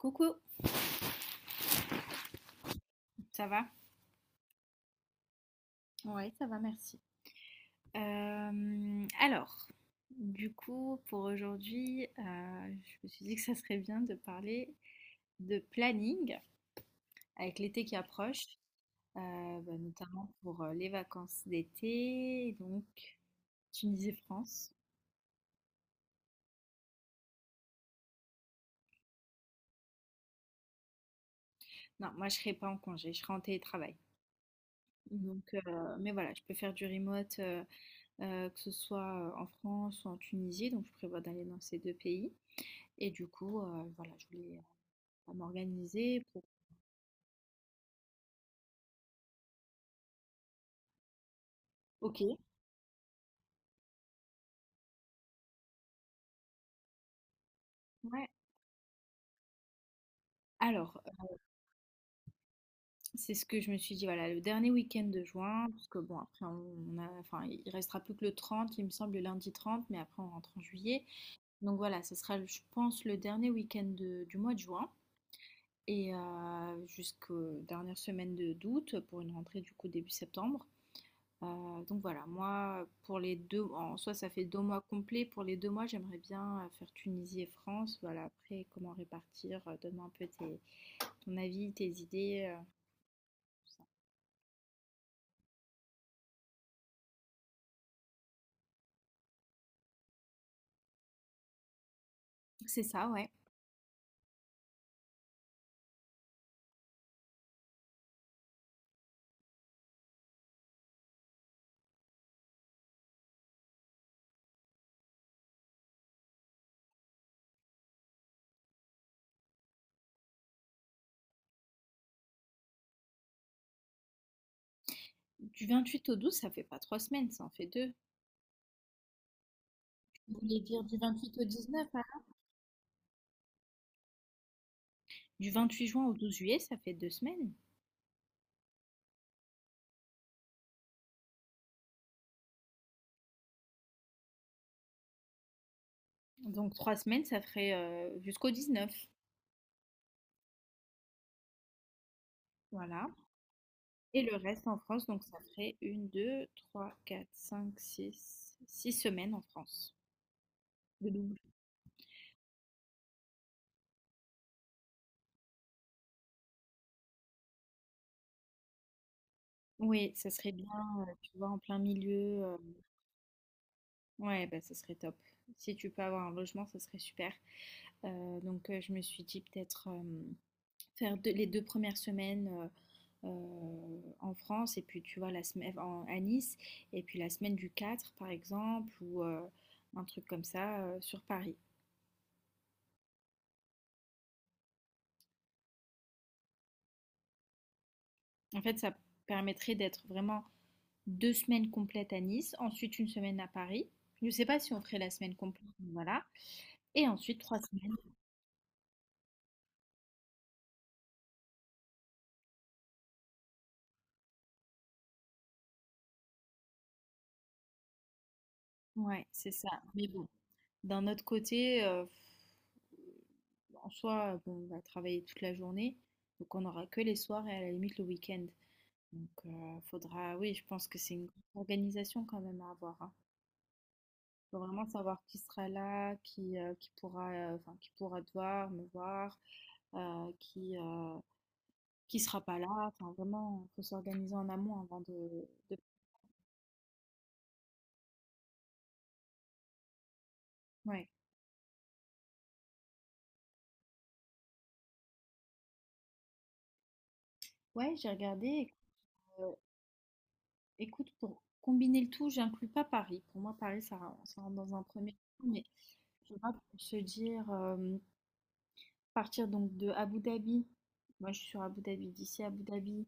Coucou, ça va? Ouais, ça va, merci. Alors, du coup, pour aujourd'hui, je me suis dit que ça serait bien de parler de planning avec l'été qui approche, bah, notamment pour les vacances d'été. Donc, tu me disais France. Non, moi, je serai pas en congé, je serai en télétravail. Donc, mais voilà, je peux faire du remote, que ce soit en France ou en Tunisie. Donc, je prévois d'aller dans ces deux pays. Et du coup, voilà, je voulais à m'organiser pour. Ok. Ouais, alors, c'est ce que je me suis dit, voilà, le dernier week-end de juin, parce que bon, après, on a, enfin, il restera plus que le 30, il me semble, le lundi 30, mais après, on rentre en juillet. Donc voilà, ce sera, je pense, le dernier week-end du mois de juin, et jusqu'aux dernières semaines de d'août, pour une rentrée, du coup, début septembre. Donc voilà, moi, pour les deux, en soi, ça fait 2 mois complets. Pour les 2 mois, j'aimerais bien faire Tunisie et France. Voilà, après, comment répartir, donne-moi un peu tes ton avis, tes idées. Tout ça. C'est ça, ouais. Du 28 au 12, ça fait pas 3 semaines, ça en fait deux. Je voulais dire du 28 au 19, alors. Du 28 juin au 12 juillet, ça fait 2 semaines. Donc 3 semaines, ça ferait jusqu'au 19. Voilà. Et le reste en France, donc ça ferait une, deux, trois, quatre, cinq, six, 6 semaines en France. Le double. Oui, ça serait bien, tu vois, en plein milieu. Ouais, bah, ça serait top. Si tu peux avoir un logement, ça serait super. Donc, je me suis dit peut-être faire deux les 2 premières semaines, en France et puis tu vois la semaine en à Nice et puis la semaine du 4 par exemple ou un truc comme ça, sur Paris. En fait, ça permettrait d'être vraiment 2 semaines complètes à Nice, ensuite 1 semaine à Paris. Je ne sais pas si on ferait la semaine complète, mais voilà, et ensuite 3 semaines. Ouais, c'est ça, mais bon, d'un autre côté, en soi, bon, on va travailler toute la journée, donc on n'aura que les soirs et à la limite le week-end. Donc, faudra, oui, je pense que c'est une grosse organisation quand même à avoir, hein. Faut vraiment savoir qui sera là, qui pourra, enfin qui pourra te voir, me voir, heu, qui, heu, qui sera pas là. Enfin vraiment, faut s'organiser en amont avant de. Ouais. Ouais, j'ai regardé et que écoute, pour combiner le tout, j'inclus pas Paris. Pour moi, Paris, ça rentre dans un premier temps, mais tu vois, pour se dire, partir donc de Abu Dhabi, moi je suis sur Abu Dhabi, d'ici Abu Dhabi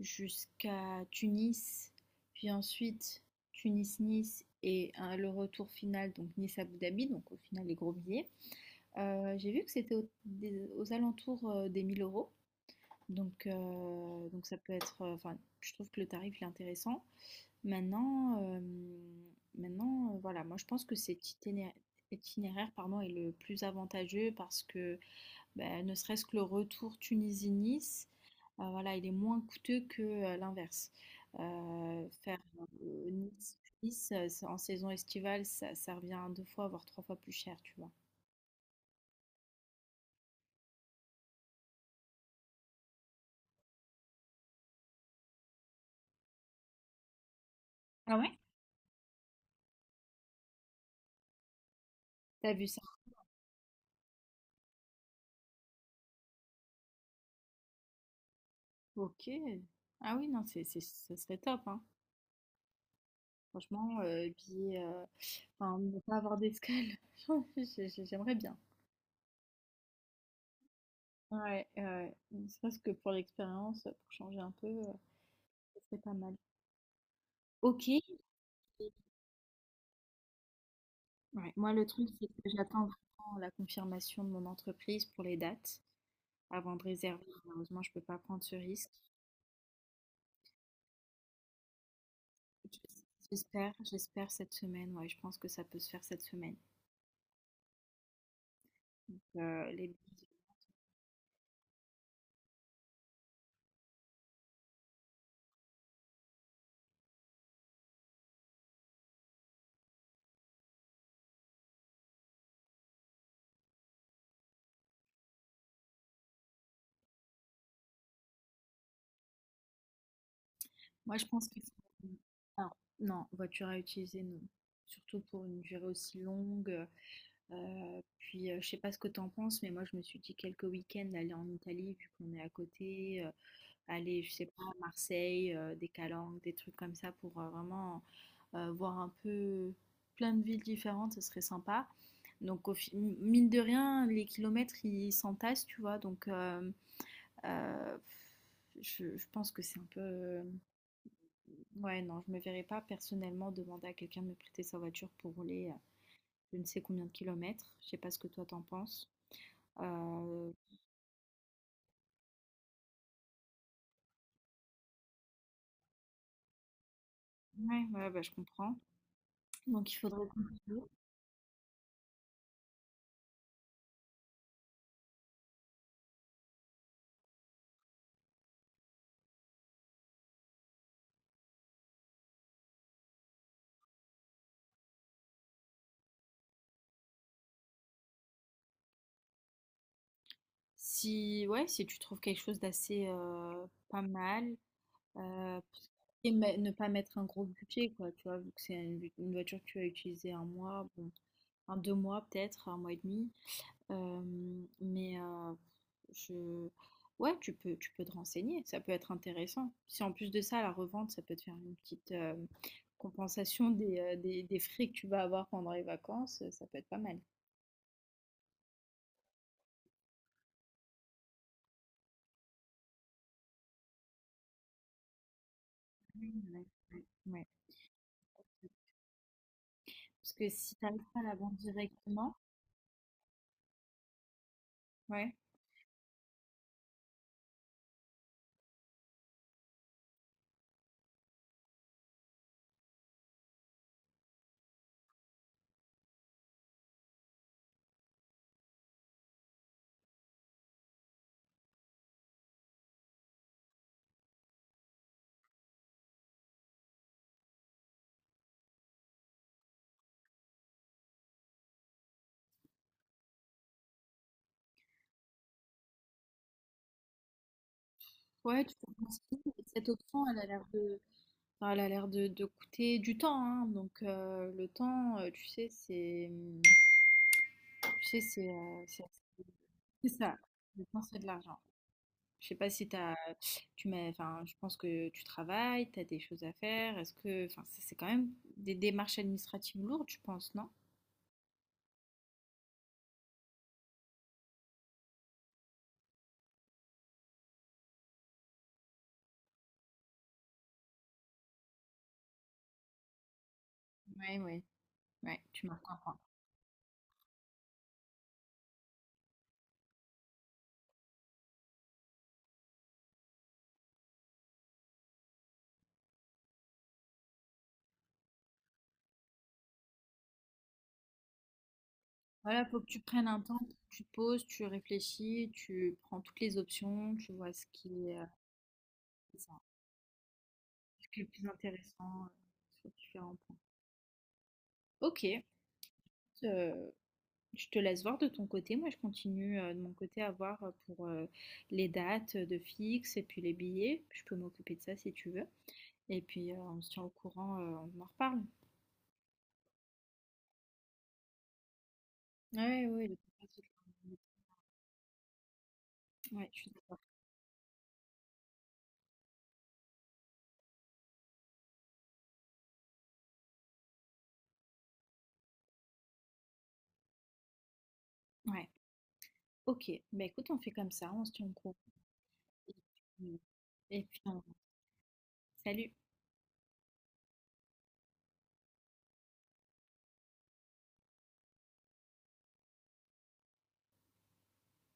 jusqu'à Tunis, puis ensuite Tunis-Nice et hein, le retour final, donc Nice-Abu Dhabi, donc au final les gros billets. J'ai vu que c'était aux alentours des 1 000 euros, donc, ça peut être, enfin je trouve que le tarif est intéressant. Maintenant, euh, maintenant, voilà, moi je pense que cet itinéraire, itinéraire pardon, est le plus avantageux parce que ben, ne serait-ce que le retour Tunisie-Nice, voilà, il est moins coûteux que l'inverse. Faire Nice-Nice, en saison estivale, ça revient à deux fois, voire trois fois plus cher, tu vois. Ah ouais? T'as vu ça? Ok. Ah oui, non, ça serait top, hein. Franchement, billet, enfin, ne pas avoir d'escale, j'aimerais bien. Ouais, ouais. Ne serait-ce que pour l'expérience, pour changer un peu, ça pas mal. Ok. Et ouais, moi le truc c'est que j'attends vraiment la confirmation de mon entreprise pour les dates avant de réserver. Malheureusement, je peux pas prendre ce risque. Je- j'espère cette semaine. Ouais, je pense que ça peut se faire cette semaine. Donc, les... billets. Moi, je pense qu'il faut... Alors, non, voiture à utiliser, non. Surtout pour une durée aussi longue. Puis, je sais pas ce que t'en penses, mais moi, je me suis dit quelques week-ends aller en Italie, vu qu'on est à côté, aller, je sais pas, à Marseille, des Calanques, des trucs comme ça, pour vraiment voir un peu plein de villes différentes, ce serait sympa. Donc, mine de rien, les kilomètres, ils s'entassent, tu vois. Donc, euh, je pense que c'est un peu... Ouais, non, je me verrais pas personnellement demander à quelqu'un de me prêter sa voiture pour rouler je ne sais combien de kilomètres. Je sais pas ce que toi t'en penses. Euh, ouais, ouais, bah, je comprends. Donc, il faudrait... Si, ouais, si tu trouves quelque chose d'assez pas mal. Euh, Ne pas mettre un gros budget, quoi, tu vois, vu que c'est une voiture que tu vas utiliser 1 mois, bon, un deux mois peut-être, 1 mois et demi. Euh, mais, je... Ouais, tu peux, te renseigner, ça peut être intéressant. Si en plus de ça, la revente, ça peut te faire une petite compensation des frais que tu vas avoir pendant les vacances, ça peut être pas mal. Oui, ouais, ouais, ouais. Parce que si tu n'arrives pas à la vendre directement, ouais, ouais, tu peux penser, cette option, elle a l'air de... Enfin, elle a l'air de coûter du temps, hein. Donc le temps, tu sais, c'est, tu sais, c'est, c'est ça. Le temps, c'est de l'argent. Je sais pas si t'as, tu mets, enfin, je pense que tu travailles, tu as des choses à faire. Est-ce que, enfin, c'est quand même des démarches administratives lourdes, je pense, non? Ouais, ouais, ouais. Tu marques un point. Voilà, faut que tu prennes un temps, tu te poses, tu réfléchis, tu prends toutes les options, tu vois ce qui est, c'est ça, ce qui est le plus intéressant sur différents points. Ok. Euh, Je te laisse voir de ton côté. Moi, je continue de mon côté à voir pour les dates de fixe et puis les billets. Je peux m'occuper de ça si tu veux. Et puis, on se tient au courant, on en reparle. Ouais, ouais, le contrat, c'est, ouais, je suis d'accord. Ouais. Ok, bah écoute, on fait comme ça, on se tient au courant. Et puis, on... Salut!